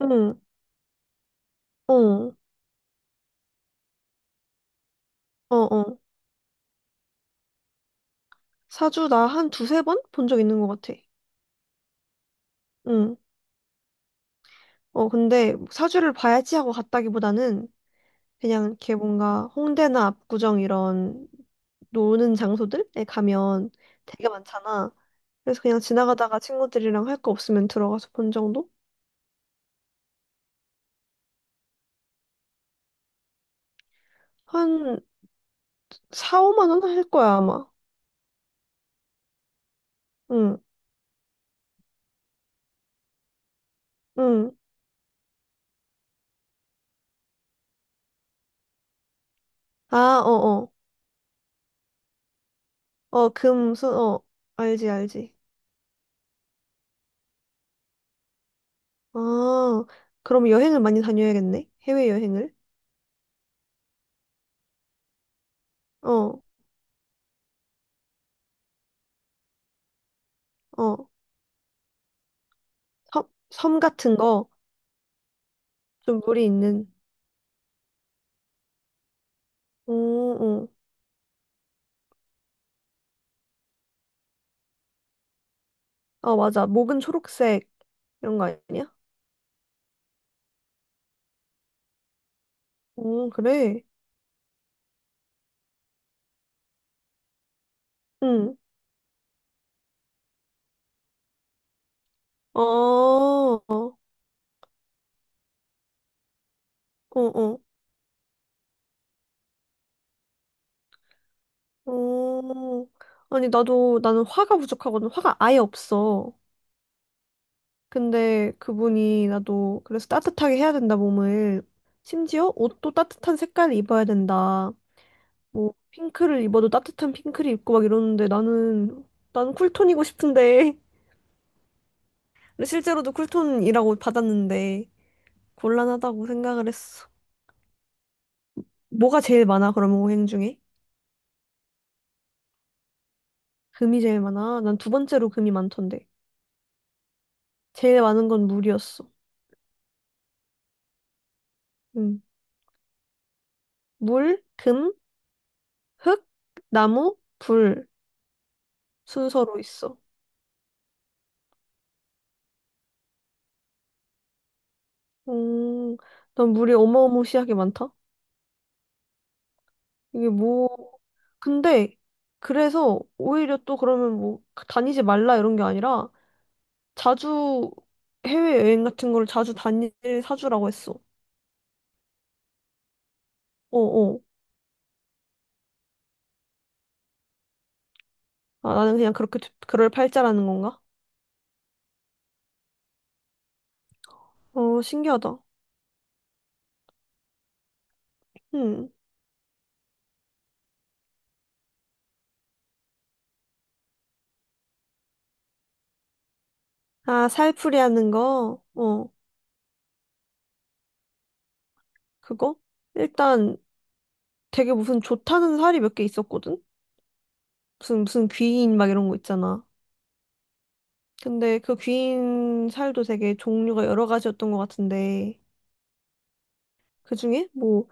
응, 어, 어, 어. 사주 나 한 두세 번 본 적 있는 것 같아. 응. 어, 근데 사주를 봐야지 하고 갔다기보다는 그냥 이렇게 뭔가 홍대나 압구정 이런 노는 장소들에 가면 되게 많잖아. 그래서 그냥 지나가다가 친구들이랑 할 거 없으면 들어가서 본 정도? 한 4, 5만 원 할 거야, 아마. 응, 응. 아, 어, 어. 어, 금, 수, 어. 알지, 알지. 아, 그럼 여행을 많이 다녀야겠네. 해외여행을. 어. 어, 섬, 섬 같은 거, 좀 물이 있는. 어, 어. 아, 맞아. 목은 초록색, 이런 거 아니야? 어, 그래. 응. 어, 어, 어, 어. 아니, 나도, 나는 화가 부족하거든. 화가 아예 없어. 근데 그분이 나도, 그래서 따뜻하게 해야 된다, 몸을. 심지어 옷도 따뜻한 색깔을 입어야 된다. 뭐, 핑크를 입어도 따뜻한 핑크를 입고 막 이러는데 나는, 나는 쿨톤이고 싶은데. 근데 실제로도 쿨톤이라고 받았는데 곤란하다고 생각을 했어. 뭐가 제일 많아, 그러면 오행 중에? 금이 제일 많아? 난 두 번째로 금이 많던데. 제일 많은 건 물이었어. 음. 물, 금, 흙, 나무, 불 순서로 있어. 음, 난 물이 어마어마시하게 많다. 이게 뭐, 근데 그래서 오히려 또 그러면 뭐 다니지 말라 이런 게 아니라 자주 해외여행 같은 걸 자주 다닐 사주라고 했어. 어어. 아, 나는 그냥 그렇게 두- 그럴 팔자라는 건가? 어, 신기하다. 음. 아, 살풀이 하는 거? 어, 그거? 일단 되게 무슨 좋다는 살이 몇 개 있었거든? 무슨 귀인 막 이런 거 있잖아. 근데 그 귀인 살도 되게 종류가 여러 가지였던 것 같은데, 그 중에 뭐,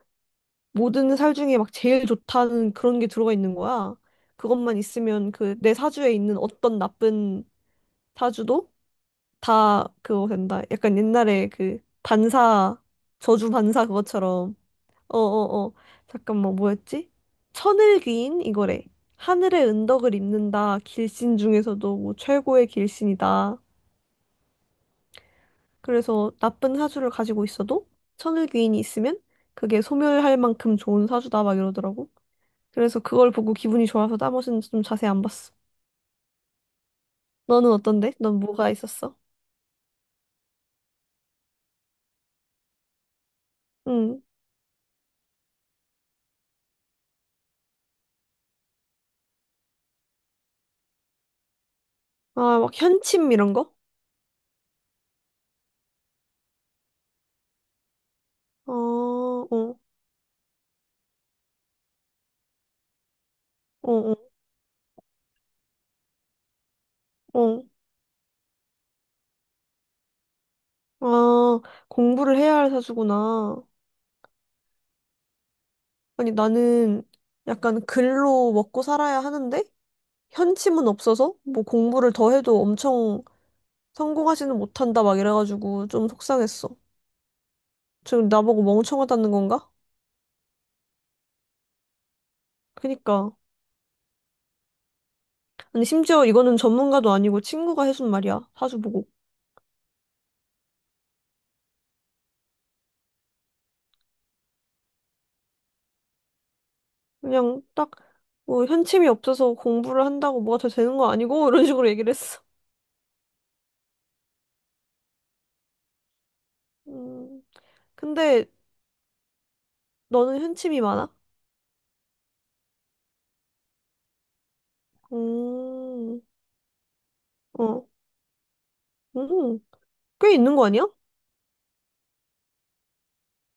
모든 살 중에 막 제일 좋다는 그런 게 들어가 있는 거야. 그것만 있으면 그 내 사주에 있는 어떤 나쁜 사주도 다 그거 된다. 약간 옛날에 그 반사, 저주 반사 그것처럼. 어어어. 잠깐만, 뭐였지? 천을귀인? 이거래. 하늘의 은덕을 입는다. 길신 중에서도 뭐 최고의 길신이다. 그래서 나쁜 사주를 가지고 있어도 천을귀인이 있으면 그게 소멸할 만큼 좋은 사주다. 막 이러더라고. 그래서 그걸 보고 기분이 좋아서 나머지는 좀 자세히 안 봤어. 너는 어떤데? 넌 뭐가 있었어? 응. 아, 막 현침 이런 거? 어, 어, 어, 어. 어, 아, 공부를 해야 할 사주구나. 아니, 나는 약간 글로 먹고 살아야 하는데, 현침은 없어서, 뭐 공부를 더 해도 엄청 성공하지는 못한다, 막 이래가지고 좀 속상했어. 지금 나보고 멍청하다는 건가? 그니까. 아니, 심지어 이거는 전문가도 아니고 친구가 해준 말이야, 사주 보고. 그냥 딱, 뭐, 현침이 없어서 공부를 한다고 뭐가 더 되는 거 아니고, 이런 식으로 얘기를 했어. 음, 근데 너는 현침이 많아? 음. 어. 음, 꽤 있는 거 아니야?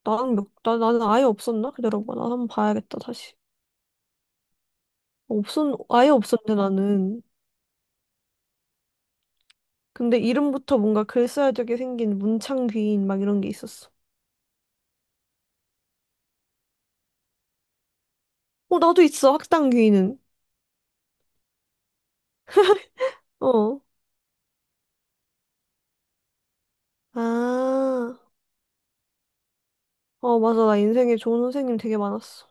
나는 아예 없었나? 기다려봐. 나 한번 봐야겠다, 다시. 아예 없었는데, 나는. 근데 이름부터 뭔가 글써야되게 생긴 문창 귀인, 막 이런 게 있었어. 어, 나도 있어, 학당 귀인은. 어. 아, 어, 맞아. 나 인생에 좋은 선생님 되게 많았어.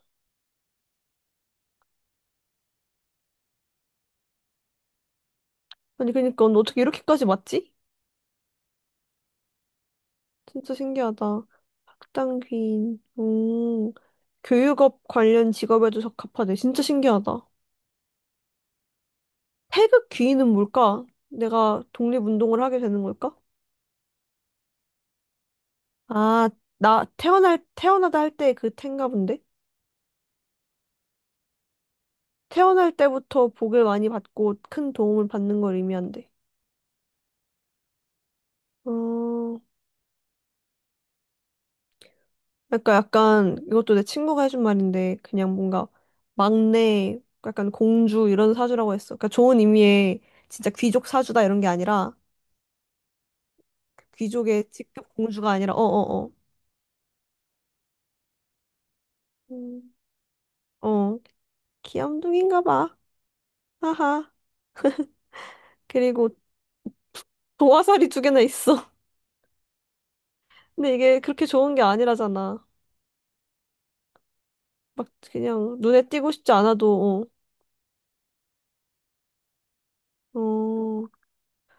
아니, 그니까, 너 어떻게 이렇게까지 맞지? 진짜 신기하다. 학당 귀인. 교육업 관련 직업에도 적합하대. 진짜 신기하다. 태극 귀인은 뭘까? 내가 독립운동을 하게 되는 걸까? 아, 나 태어나다 할 때 그 텐가 본데? 태어날 때부터 복을 많이 받고 큰 도움을 받는 걸 의미한대. 어, 그러니까 약간 이것도 내 친구가 해준 말인데 그냥 뭔가 막내, 약간 공주 이런 사주라고 했어. 그러니까 좋은 의미의 진짜 귀족 사주다 이런 게 아니라 귀족의 직급 공주가 아니라 어어어. 어, 어, 어. 어, 귀염둥인가 봐. 하하. 그리고 도화살이 두 개나 있어. 근데 이게 그렇게 좋은 게 아니라잖아. 막 그냥 눈에 띄고 싶지 않아도. 어. 어.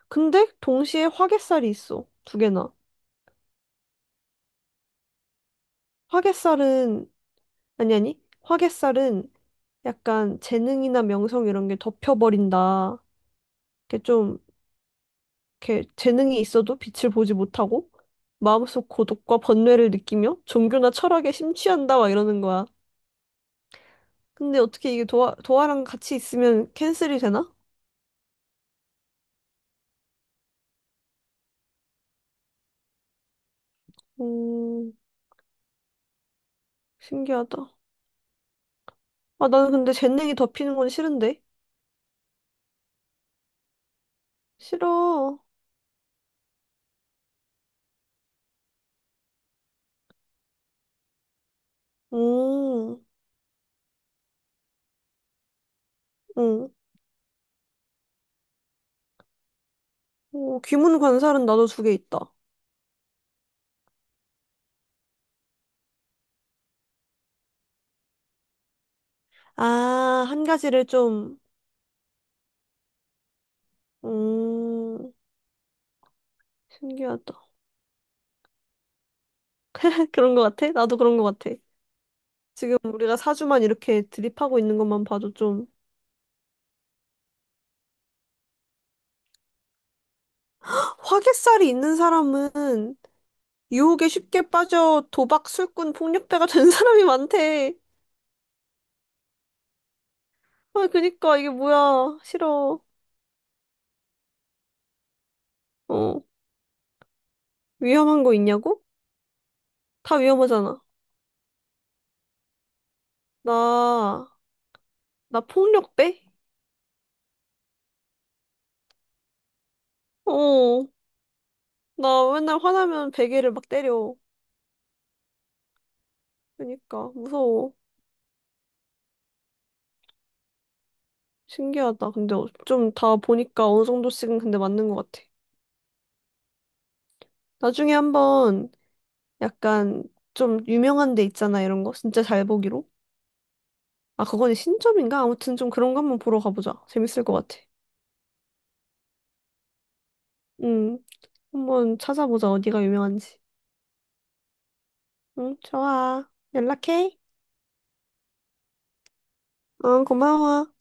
근데 동시에 화개살이 있어. 두 개나. 화개살은 아니 아니. 화개살은 약간 재능이나 명성 이런 게 덮여버린다. 이렇게 좀 이렇게 재능이 있어도 빛을 보지 못하고 마음속 고독과 번뇌를 느끼며 종교나 철학에 심취한다 막 이러는 거야. 근데 어떻게 이게 도화랑 같이 있으면 캔슬이 되나? 음, 신기하다. 아, 나는 근데 젠냉이 덮이는 건 싫은데? 싫어. 음, 음. 어, 귀문 관살은 나도 두 개 있다. 아, 한 가지를 좀, 음, 신기하다. 그런 거 같아? 나도 그런 거 같아. 지금 우리가 사주만 이렇게 드립하고 있는 것만 봐도 좀, 화개살이 있는 사람은 유혹에 쉽게 빠져 도박, 술꾼, 폭력배가 된 사람이 많대. 아, 그니까 이게 뭐야. 싫어. 어, 위험한 거 있냐고? 다 위험하잖아. 나 나 폭력배? 어, 나 맨날 화나면 베개를 막 때려. 그러니까 무서워. 신기하다. 근데 좀 다 보니까 어느 정도씩은 근데 맞는 것 같아. 나중에 한번 약간 좀 유명한 데 있잖아, 이런 거. 진짜 잘 보기로. 아, 그거는 신점인가? 아무튼 좀 그런 거 한번 보러 가보자. 재밌을 것 같아. 응, 한번 찾아보자. 어디가 유명한지. 응, 좋아. 연락해. 응, 고마워.